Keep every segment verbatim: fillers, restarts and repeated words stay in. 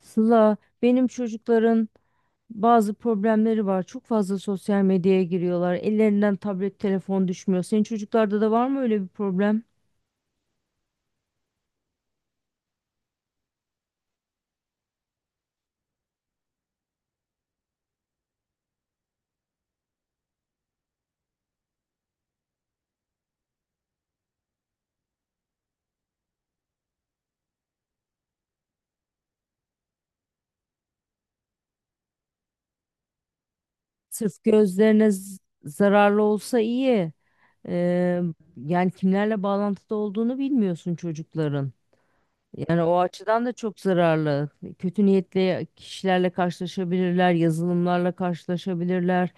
Sıla, benim çocukların bazı problemleri var. Çok fazla sosyal medyaya giriyorlar. Ellerinden tablet, telefon düşmüyor. Senin çocuklarda da var mı öyle bir problem? Sırf gözlerine z- zararlı olsa iyi. Ee, Yani kimlerle bağlantıda olduğunu bilmiyorsun çocukların. Yani o açıdan da çok zararlı. Kötü niyetli kişilerle karşılaşabilirler, yazılımlarla karşılaşabilirler.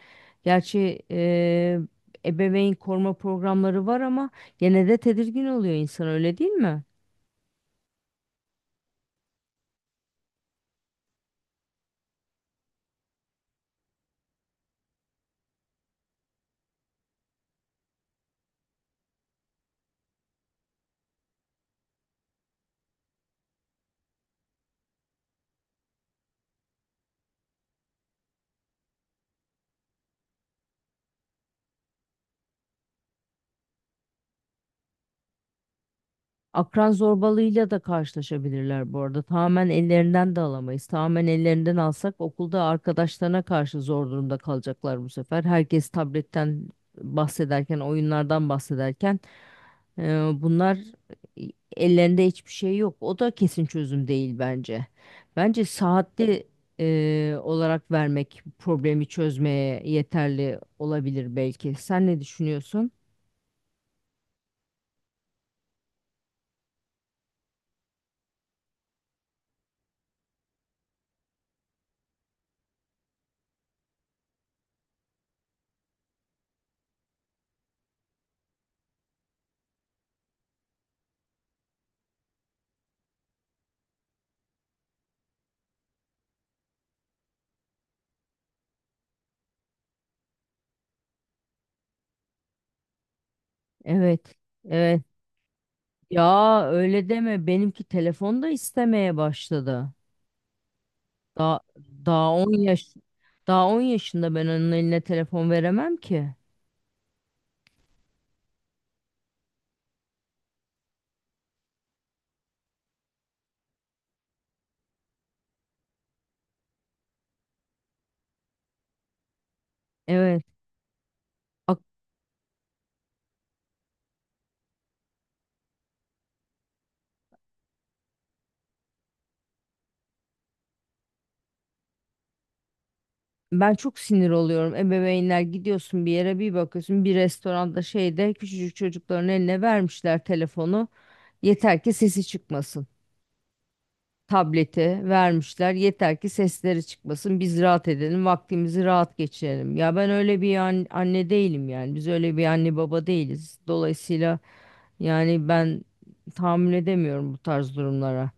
Gerçi e, ebeveyn koruma programları var ama gene de tedirgin oluyor insan, öyle değil mi? Akran zorbalığıyla da karşılaşabilirler bu arada. Tamamen ellerinden de alamayız. Tamamen ellerinden alsak okulda arkadaşlarına karşı zor durumda kalacaklar bu sefer. Herkes tabletten bahsederken, oyunlardan bahsederken, Ee, bunlar e, ellerinde hiçbir şey yok. O da kesin çözüm değil bence. Bence saatli e, olarak vermek problemi çözmeye yeterli olabilir belki. Sen ne düşünüyorsun? Evet, evet. Ya öyle deme. Benimki telefon da istemeye başladı. Daha daha on yaş daha on yaşında ben onun eline telefon veremem ki. Evet. Ben çok sinir oluyorum. Ebeveynler, gidiyorsun bir yere, bir bakıyorsun bir restoranda şeyde, küçücük çocukların eline vermişler telefonu. Yeter ki sesi çıkmasın. Tableti vermişler. Yeter ki sesleri çıkmasın. Biz rahat edelim. Vaktimizi rahat geçirelim. Ya ben öyle bir an- anne değilim yani. Biz öyle bir anne baba değiliz. Dolayısıyla yani ben tahammül edemiyorum bu tarz durumlara.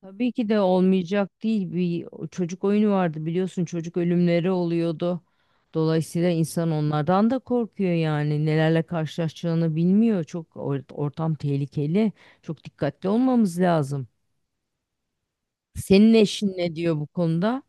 Tabii ki de olmayacak değil. Bir çocuk oyunu vardı biliyorsun, çocuk ölümleri oluyordu. Dolayısıyla insan onlardan da korkuyor yani, nelerle karşılaşacağını bilmiyor. Çok or- ortam tehlikeli. Çok dikkatli olmamız lazım. Senin eşin ne diyor bu konuda?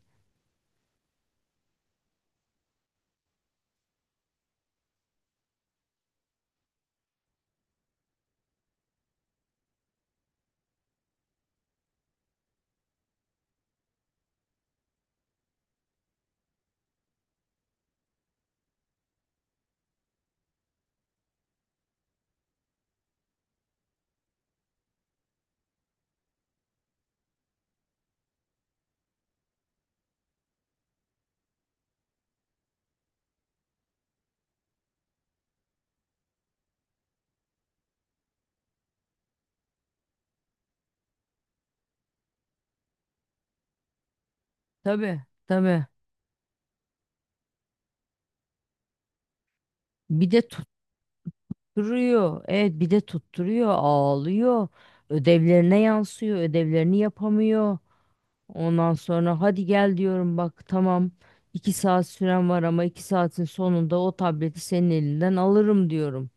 Tabii, tabii. Bir de tutturuyor. Evet, bir de tutturuyor, ağlıyor. Ödevlerine yansıyor, ödevlerini yapamıyor. Ondan sonra hadi gel diyorum, bak tamam iki saat süren var ama iki saatin sonunda o tableti senin elinden alırım diyorum.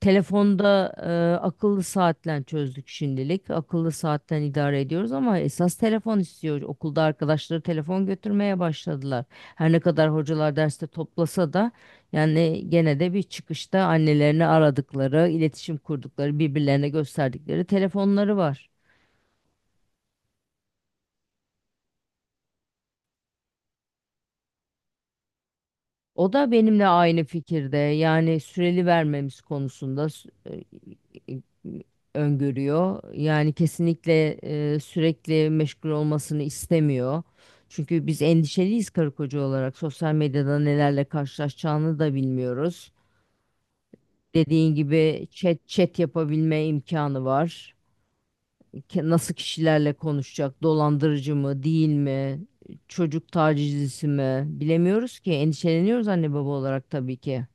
Telefonda e, akıllı saatle çözdük şimdilik. Akıllı saatten idare ediyoruz ama esas telefon istiyor. Okulda arkadaşları telefon götürmeye başladılar. Her ne kadar hocalar derste toplasa da yani gene de bir çıkışta annelerini aradıkları, iletişim kurdukları, birbirlerine gösterdikleri telefonları var. O da benimle aynı fikirde. Yani süreli vermemiz konusunda s- e, e, öngörüyor. Yani kesinlikle e, sürekli meşgul olmasını istemiyor. Çünkü biz endişeliyiz karı koca olarak. Sosyal medyada nelerle karşılaşacağını da bilmiyoruz. Dediğin gibi chat chat yapabilme imkanı var. Ke- Nasıl kişilerle konuşacak? Dolandırıcı mı, değil mi? Çocuk tacizcisi mi? Bilemiyoruz ki. Endişeleniyoruz anne baba olarak tabii ki.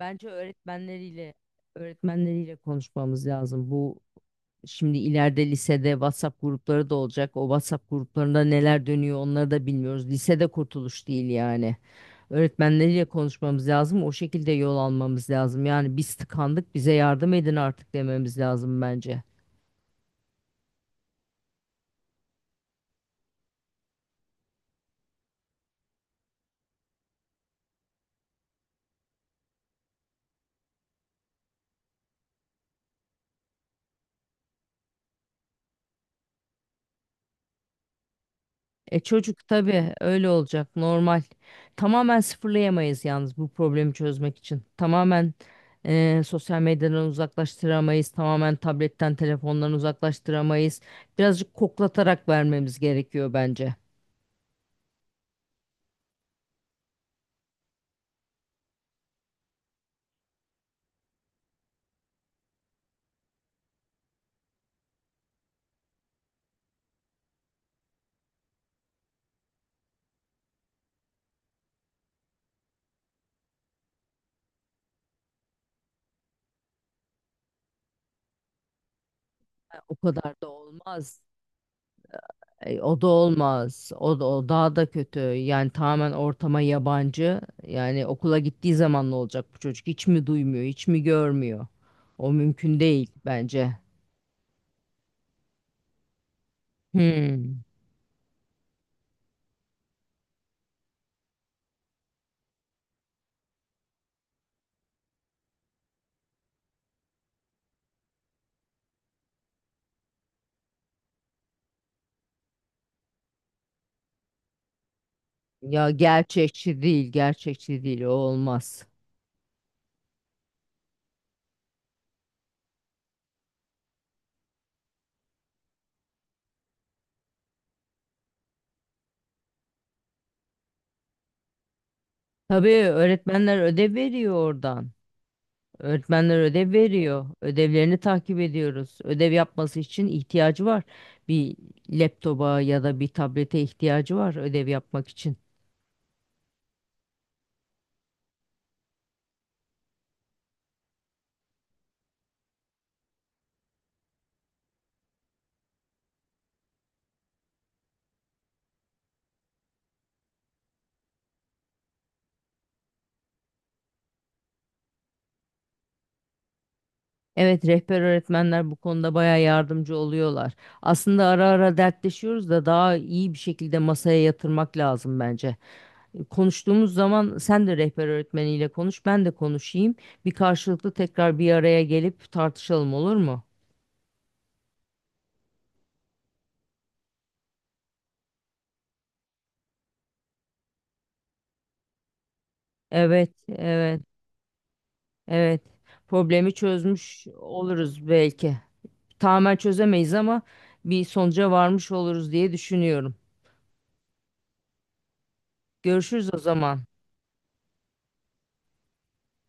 Bence öğretmenleriyle öğretmenleriyle konuşmamız lazım. Bu, şimdi ileride lisede WhatsApp grupları da olacak. O WhatsApp gruplarında neler dönüyor onları da bilmiyoruz. Lisede kurtuluş değil yani. Öğretmenleriyle konuşmamız lazım. O şekilde yol almamız lazım. Yani biz tıkandık, bize yardım edin artık dememiz lazım bence. E çocuk tabii öyle olacak, normal. Tamamen sıfırlayamayız yalnız bu problemi çözmek için. Tamamen e, sosyal medyadan uzaklaştıramayız. Tamamen tabletten telefondan uzaklaştıramayız. Birazcık koklatarak vermemiz gerekiyor bence. E, O kadar da olmaz. E, o da olmaz. O da o daha da kötü. Yani tamamen ortama yabancı. Yani okula gittiği zaman ne olacak bu çocuk? Hiç mi duymuyor, hiç mi görmüyor? O mümkün değil bence. Hmm. Ya gerçekçi değil, gerçekçi değil, o olmaz. Tabii öğretmenler ödev veriyor oradan. Öğretmenler ödev veriyor. Ödevlerini takip ediyoruz. Ödev yapması için ihtiyacı var. Bir laptopa ya da bir tablete ihtiyacı var ödev yapmak için. Evet, rehber öğretmenler bu konuda bayağı yardımcı oluyorlar. Aslında ara ara dertleşiyoruz da daha iyi bir şekilde masaya yatırmak lazım bence. Konuştuğumuz zaman sen de rehber öğretmeniyle konuş, ben de konuşayım. Bir karşılıklı tekrar bir araya gelip tartışalım, olur mu? Evet, evet, evet. Problemi çözmüş oluruz belki. Tamamen çözemeyiz ama bir sonuca varmış oluruz diye düşünüyorum. Görüşürüz o zaman.